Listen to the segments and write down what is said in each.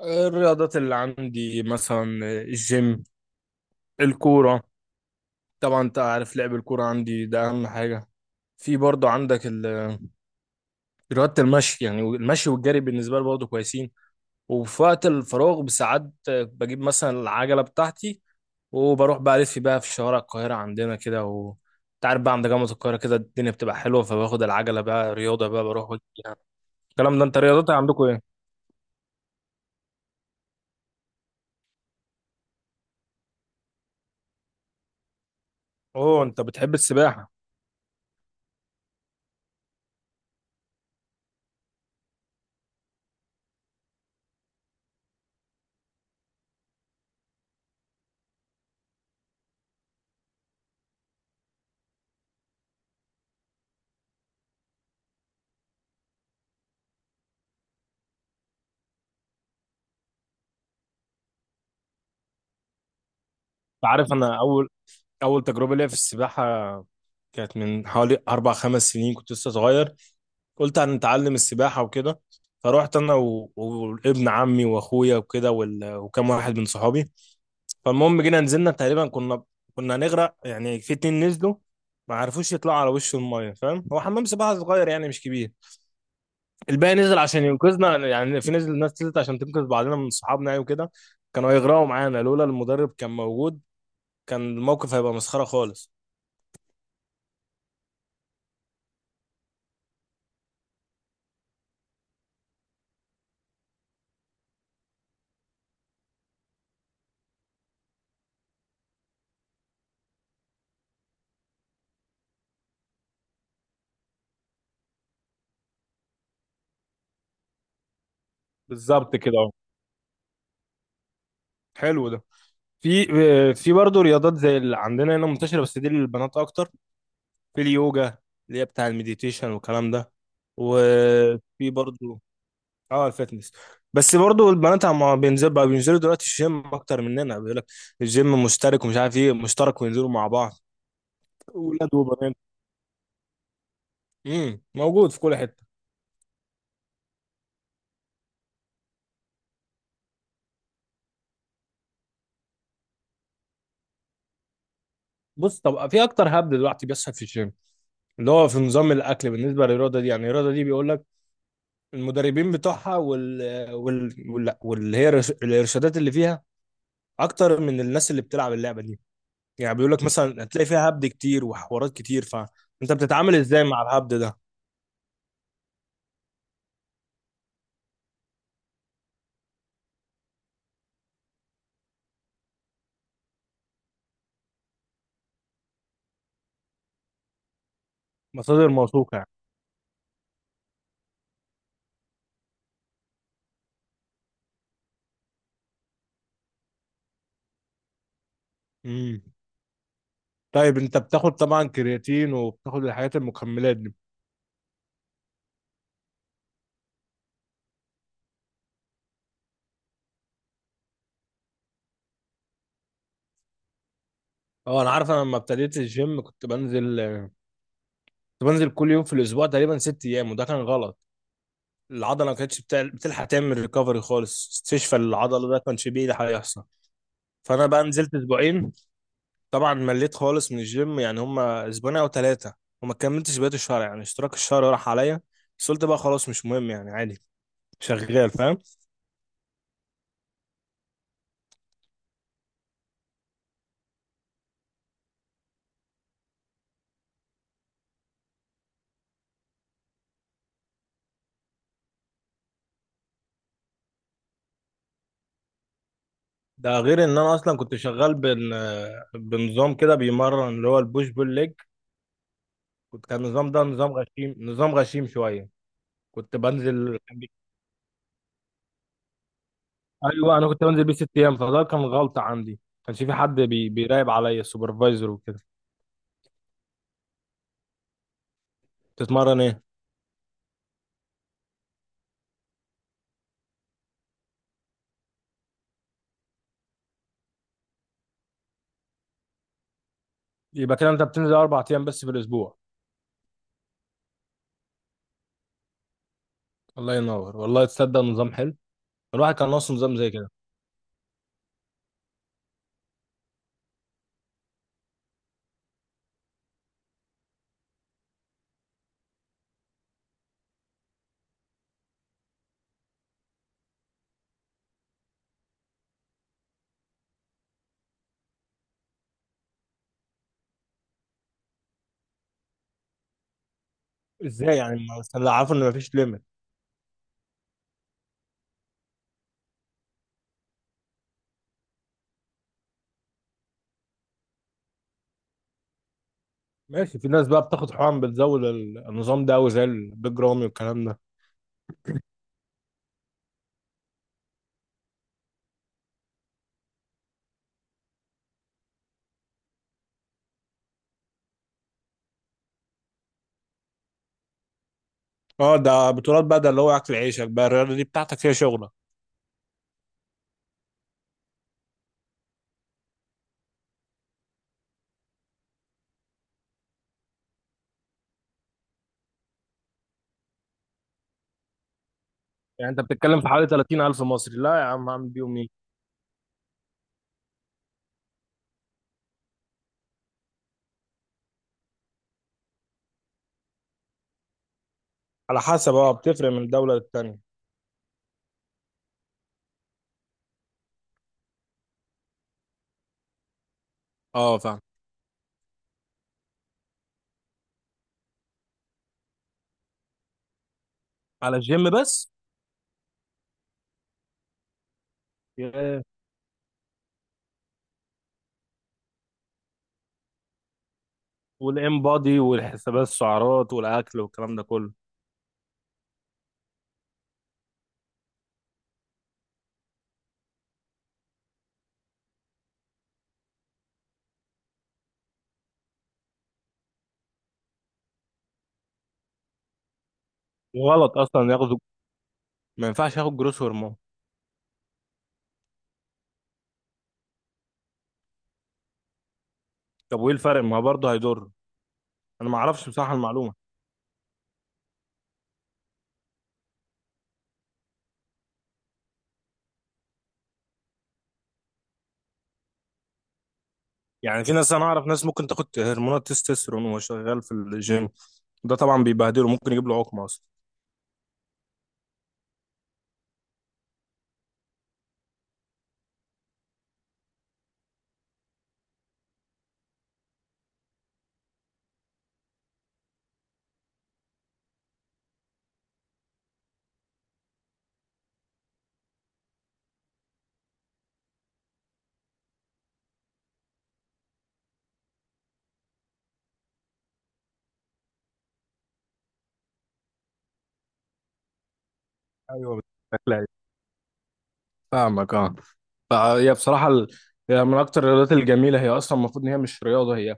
الرياضات اللي عندي مثلا الجيم، الكورة. طبعا انت عارف لعب الكورة عندي ده اهم حاجة. في برضه عندك رياضة المشي، يعني المشي والجري بالنسبة لي برضه كويسين. وفي وقت الفراغ بساعات بجيب مثلا العجلة بتاعتي وبروح بقى ألف بقى في شوارع القاهرة عندنا كده، و أنت عارف بقى عند جامعة القاهرة كده الدنيا بتبقى حلوة، فباخد العجلة بقى رياضة بقى بروح وأجي يعني. الكلام ده، أنت رياضتك عندكم إيه؟ أوه، أنت بتحب السباحة. أنت عارف أنا أول أول تجربة ليا في السباحة كانت من حوالي أربع خمس سنين، كنت لسه صغير. قلت هنتعلم السباحة وكده، فروحت أنا وابن عمي وأخويا وكده وكم واحد من صحابي. فالمهم جينا نزلنا، تقريبا كنا هنغرق يعني. في اتنين نزلوا ما عرفوش يطلعوا على وش المايه، فاهم؟ هو حمام سباحه صغير يعني مش كبير. الباقي نزل عشان ينقذنا، يعني في نزل ناس نزلت عشان تنقذ بعضنا من صحابنا يعني وكده. كانوا هيغرقوا معانا لولا المدرب كان موجود، كان الموقف هيبقى مسخره خالص. بالظبط كده اهو. حلو ده. في في برضه رياضات زي اللي عندنا هنا منتشرة، بس دي للبنات أكتر. في اليوجا، اللي هي بتاع المديتيشن والكلام ده. وفي برضه اه، الفتنس. بس برضه البنات عم بينزل بقى بينزلوا دلوقتي الجيم أكتر مننا، بيقول لك الجيم مشترك ومش عارف إيه مشترك، وينزلوا مع بعض، ولاد وبنات. موجود في كل حتة. بص، طب في أكتر هبد دلوقتي بيحصل في الجيم، اللي هو في نظام الأكل بالنسبة للرياضة دي. يعني الرياضة دي بيقول لك المدربين بتوعها واللي هي الإرشادات اللي فيها اكتر من الناس اللي بتلعب اللعبه دي. يعني بيقول لك مثلا هتلاقي فيها هبد كتير وحوارات كتير، فانت بتتعامل ازاي مع الهبد ده؟ مصادر موثوقه يعني. امم طيب انت بتاخد طبعا كرياتين وبتاخد الحاجات المكملات دي. اه، انا عارف انا لما ابتديت الجيم كنت بنزل كل يوم في الاسبوع، تقريبا 6 ايام، وده كان غلط. العضله ما بتلحق تعمل ريكفري خالص، استشفى العضله ده كانش بيه ده هيحصل. فانا بقى نزلت اسبوعين، طبعا مليت خالص من الجيم. يعني هما اسبوعين او ثلاثه وما كملتش بقيه الشهر، يعني اشتراك الشهر راح عليا. بس قلت بقى خلاص مش مهم يعني، عادي شغال، فاهم. ده غير ان انا اصلا كنت شغال بنظام كده بيمرن، اللي هو البوش بول ليج. كان النظام ده نظام غشيم، نظام غشيم شويه. كنت بنزل ايوه، انا كنت بنزل بيه 6 ايام، فده كان غلطه عندي. كانش في حد بيراقب عليا، السوبرفايزر وكده. تتمرن ايه؟ يبقى كده انت بتنزل اربع ايام بس في الاسبوع. الله ينور، والله تصدق نظام حلو، الواحد كان ناقصه نظام زي كده. ازاي يعني، بس اللي عارفه ان مفيش ليميت. ماشي، في ناس بقى بتاخد حقن بتزود النظام ده، وزي البيج رامي والكلام ده. اه، ده بطولات بقى، ده اللي هو اكل عيشك بقى، الرياضه دي بتاعتك هي شغلك. يعني انت بتتكلم في حوالي 30,000 مصري، لا يا عم، هعمل بيهم ايه؟ على حسب، اه، بتفرق من دوله للتانيه. اه، فاهم. على الجيم بس؟ ياه. والام بادي والحسابات، السعرات والاكل والكلام ده كله. غلط اصلا ياخدوا، ما ينفعش ياخد جروس هرمون. طب وايه الفرق؟ ما هو برضه هيضر. انا ما اعرفش بصراحه المعلومه. يعني في ناس، انا اعرف ناس ممكن تاخد هرمونات تستوستيرون وهو شغال في الجيم، ده طبعا بيبهدله، ممكن يجيب له عقم اصلا. ايوه. هتلاقي. فاهمك، اه. فهي بصراحة هي من أكتر الرياضات الجميلة. هي أصلا المفروض إن هي مش رياضة، هي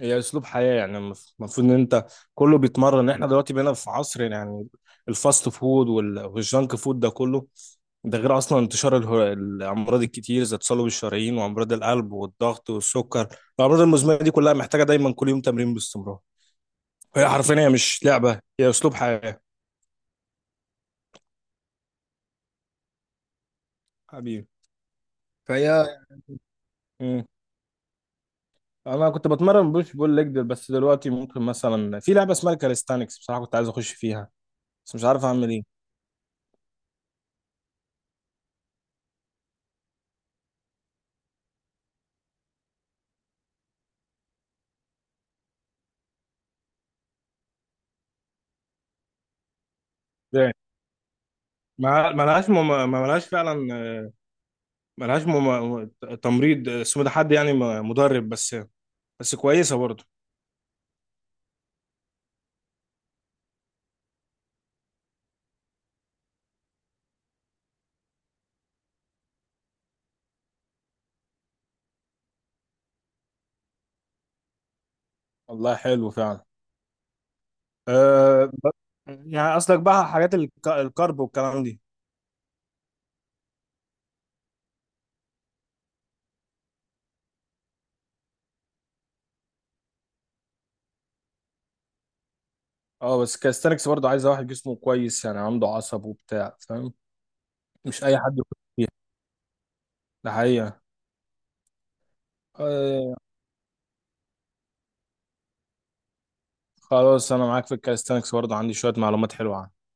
هي أسلوب حياة. يعني المفروض إن أنت كله بيتمرن. إحنا دلوقتي بقينا في عصر يعني الفاست فود والجانك فود ده كله. ده غير أصلا انتشار الأمراض الكتير، زي تصلب الشرايين وأمراض القلب والضغط والسكر. الأمراض المزمنة دي كلها محتاجة دايما كل يوم تمرين باستمرار. هي حرفيا هي مش لعبة، هي أسلوب حياة. حبيبي. فهي مم. أنا كنت بتمرن بوش بول ليج، بس دلوقتي ممكن مثلا في لعبة اسمها الكاليستانكس، بصراحة كنت عايز أخش فيها، بس مش عارف أعمل إيه. يعني ما ما لهاش فعلا. ما تمريض اسمه، ده حد يعني مدرب بس. بس كويسه برضه. والله حلو فعلا. أه... ب- يعني قصدك بقى حاجات الكارب والكلام دي. أه، بس الكاليستانكس برضه عايزة واحد جسمه كويس، يعني عنده عصب وبتاع، فاهم. مش أي حد، ده حقيقة. آه. خلاص، أنا معاك في الكاليستانكس، برضه عندي شوية معلومات حلوة عنه.